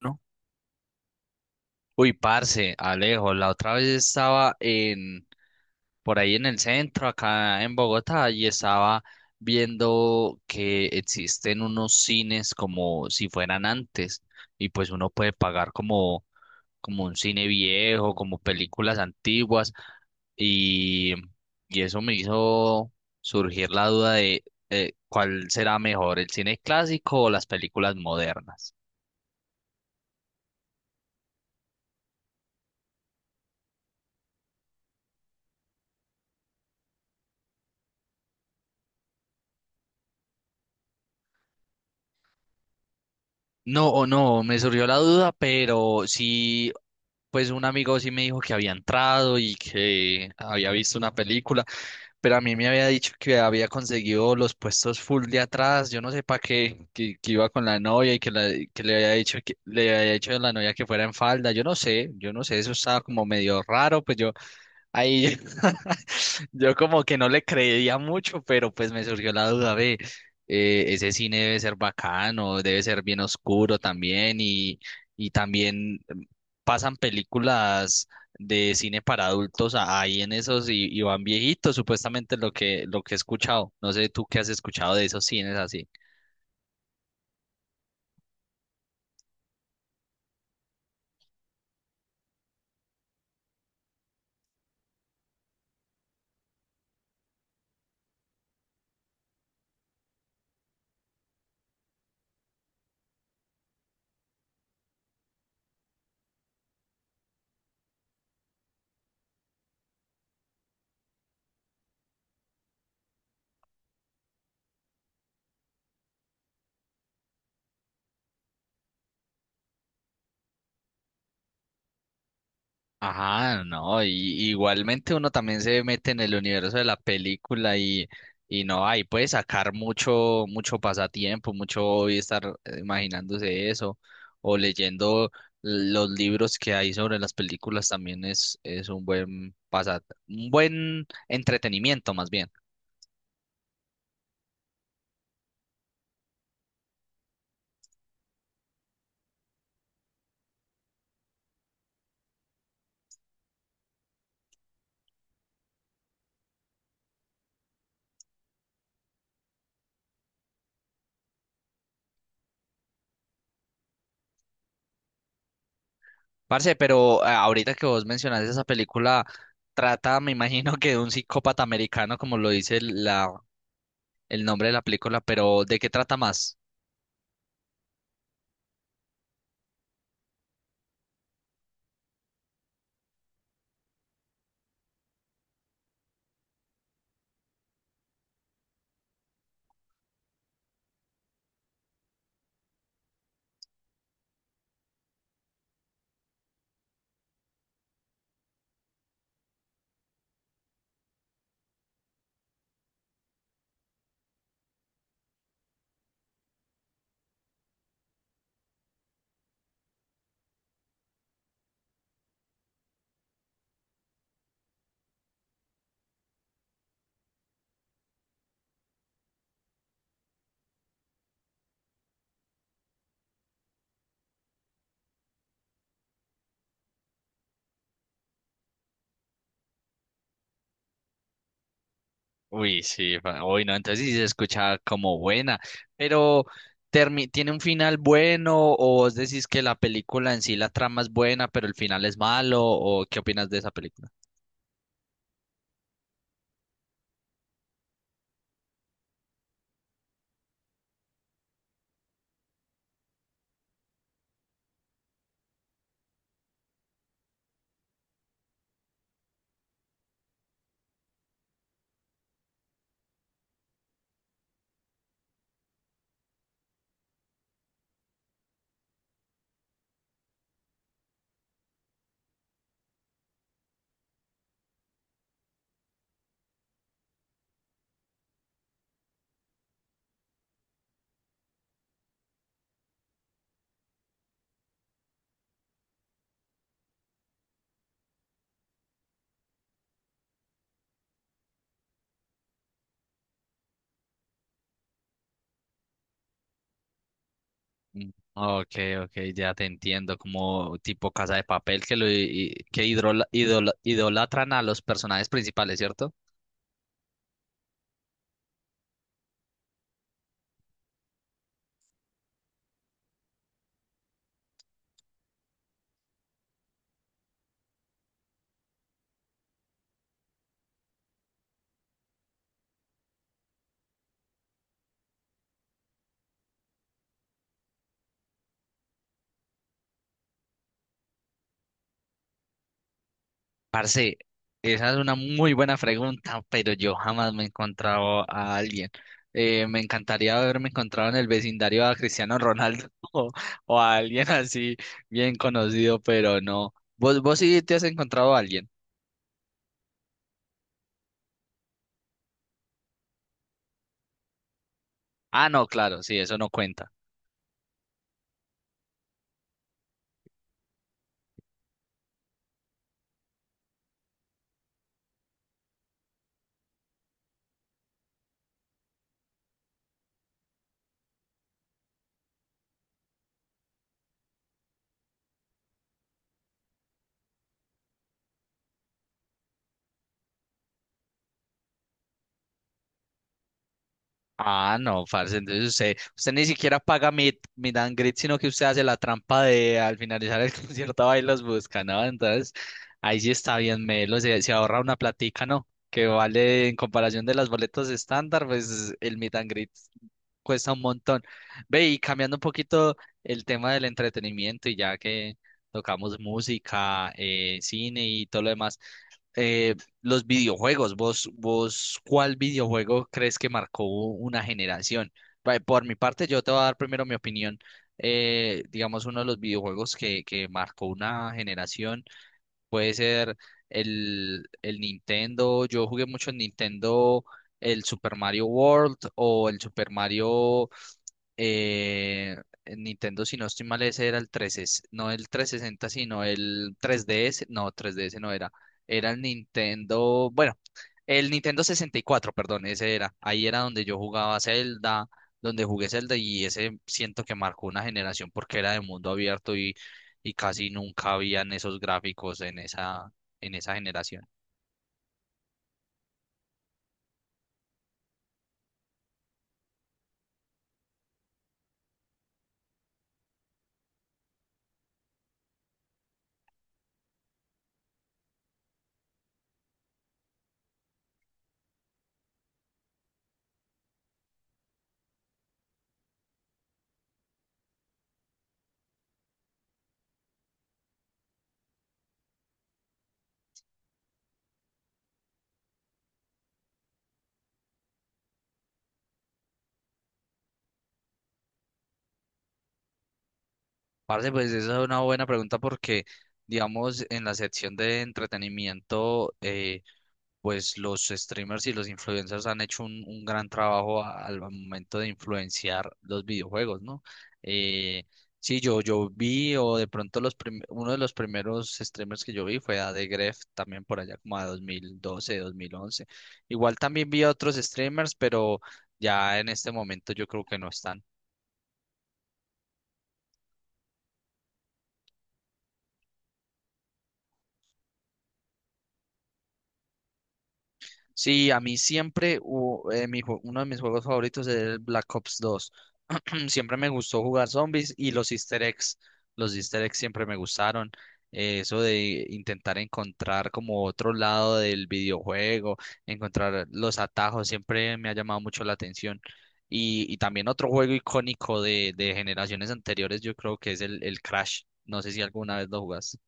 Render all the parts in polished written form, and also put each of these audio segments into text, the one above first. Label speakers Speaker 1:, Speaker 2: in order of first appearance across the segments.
Speaker 1: ¿No? Uy, parce, Alejo, la otra vez estaba en por ahí en el centro, acá en Bogotá, y estaba viendo que existen unos cines como si fueran antes, y pues uno puede pagar como un cine viejo, como películas antiguas, y, y eso me hizo surgir la duda de cuál será mejor, el cine clásico o las películas modernas. No, me surgió la duda, pero sí, pues un amigo sí me dijo que había entrado y que había visto una película, pero a mí me había dicho que había conseguido los puestos full de atrás, yo no sé para qué, que iba con la novia y que que le había dicho a la novia que fuera en falda, yo no sé, eso estaba como medio raro, pues yo ahí yo como que no le creía mucho, pero pues me surgió la duda, ve, ese cine debe ser bacano, debe ser bien oscuro también y también pasan películas de cine para adultos ahí en esos y van viejitos, supuestamente lo que he escuchado. No sé tú qué has escuchado de esos cines así. Ajá, no, igualmente uno también se mete en el universo de la película y no, ahí puede sacar mucho, mucho pasatiempo, mucho hobby estar imaginándose eso, o leyendo los libros que hay sobre las películas también es un buen pasa, un buen entretenimiento más bien. Parce, pero ahorita que vos mencionas esa película, trata, me imagino que de un psicópata americano, como lo dice el nombre de la película, pero ¿de qué trata más? Uy, sí, uy, no, entonces sí se escucha como buena, pero ¿tiene un final bueno o vos decís que la película en sí, la trama es buena, pero el final es malo o qué opinas de esa película? Mm, ok, ok, ya te entiendo, como tipo Casa de Papel que que idolatran a los personajes principales, ¿cierto? Parce, esa es una muy buena pregunta, pero yo jamás me he encontrado a alguien. Me encantaría haberme encontrado en el vecindario a Cristiano Ronaldo o a alguien así bien conocido, pero no. ¿Vos sí te has encontrado a alguien? Ah, no, claro, sí, eso no cuenta. Ah, no, parce, entonces usted ni siquiera paga Meet and greet, sino que usted hace la trampa de al finalizar el concierto va y los busca, ¿no? Entonces, ahí sí está bien melo, se ahorra una platica, ¿no? Que vale, en comparación de las boletas estándar, pues el Meet and greet cuesta un montón. Ve, y cambiando un poquito el tema del entretenimiento, y ya que tocamos música, cine y todo lo demás eh, los videojuegos, ¿cuál videojuego crees que marcó una generación? Vale, por mi parte, yo te voy a dar primero mi opinión. Digamos, uno de los videojuegos que marcó una generación puede ser el Nintendo. Yo jugué mucho en Nintendo, el Super Mario World o el Super Mario eh, en Nintendo, si no estoy mal, ese era el 13, no el 360, sino el 3DS, no, 3DS no era, era el Nintendo, bueno, el Nintendo 64, perdón, ese era, ahí era donde yo jugaba Zelda, donde jugué Zelda y ese siento que marcó una generación porque era de mundo abierto y casi nunca habían esos gráficos en esa generación. Parce, pues esa es una buena pregunta porque, digamos, en la sección de entretenimiento, pues los streamers y los influencers han hecho un gran trabajo al momento de influenciar los videojuegos, ¿no? Eh, sí, yo vi, o de pronto uno de los primeros streamers que yo vi fue a The Gref, también por allá como a 2012, 2011. Igual también vi a otros streamers, pero ya en este momento yo creo que no están. Sí, a mí siempre uno de mis juegos favoritos es el Black Ops 2. Siempre me gustó jugar zombies y los easter eggs. Los easter eggs siempre me gustaron. Eso de intentar encontrar como otro lado del videojuego, encontrar los atajos, siempre me ha llamado mucho la atención. Y también otro juego icónico de generaciones anteriores, yo creo que es el Crash. No sé si alguna vez lo jugaste.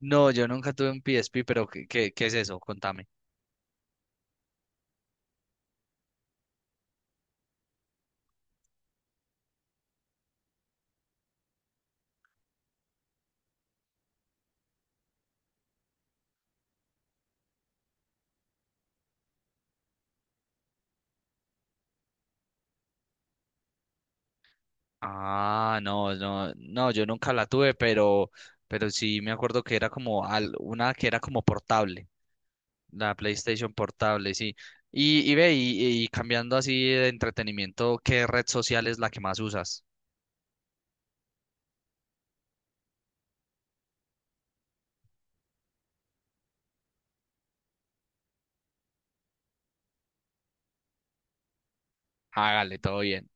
Speaker 1: No, yo nunca tuve un PSP, pero ¿qué es eso? Contame. Ah, no, no, no, yo nunca la tuve, pero sí me acuerdo que era como una que era como portable, la PlayStation portable, sí. Y ve, y cambiando así de entretenimiento, ¿qué red social es la que más usas? Hágale, todo bien.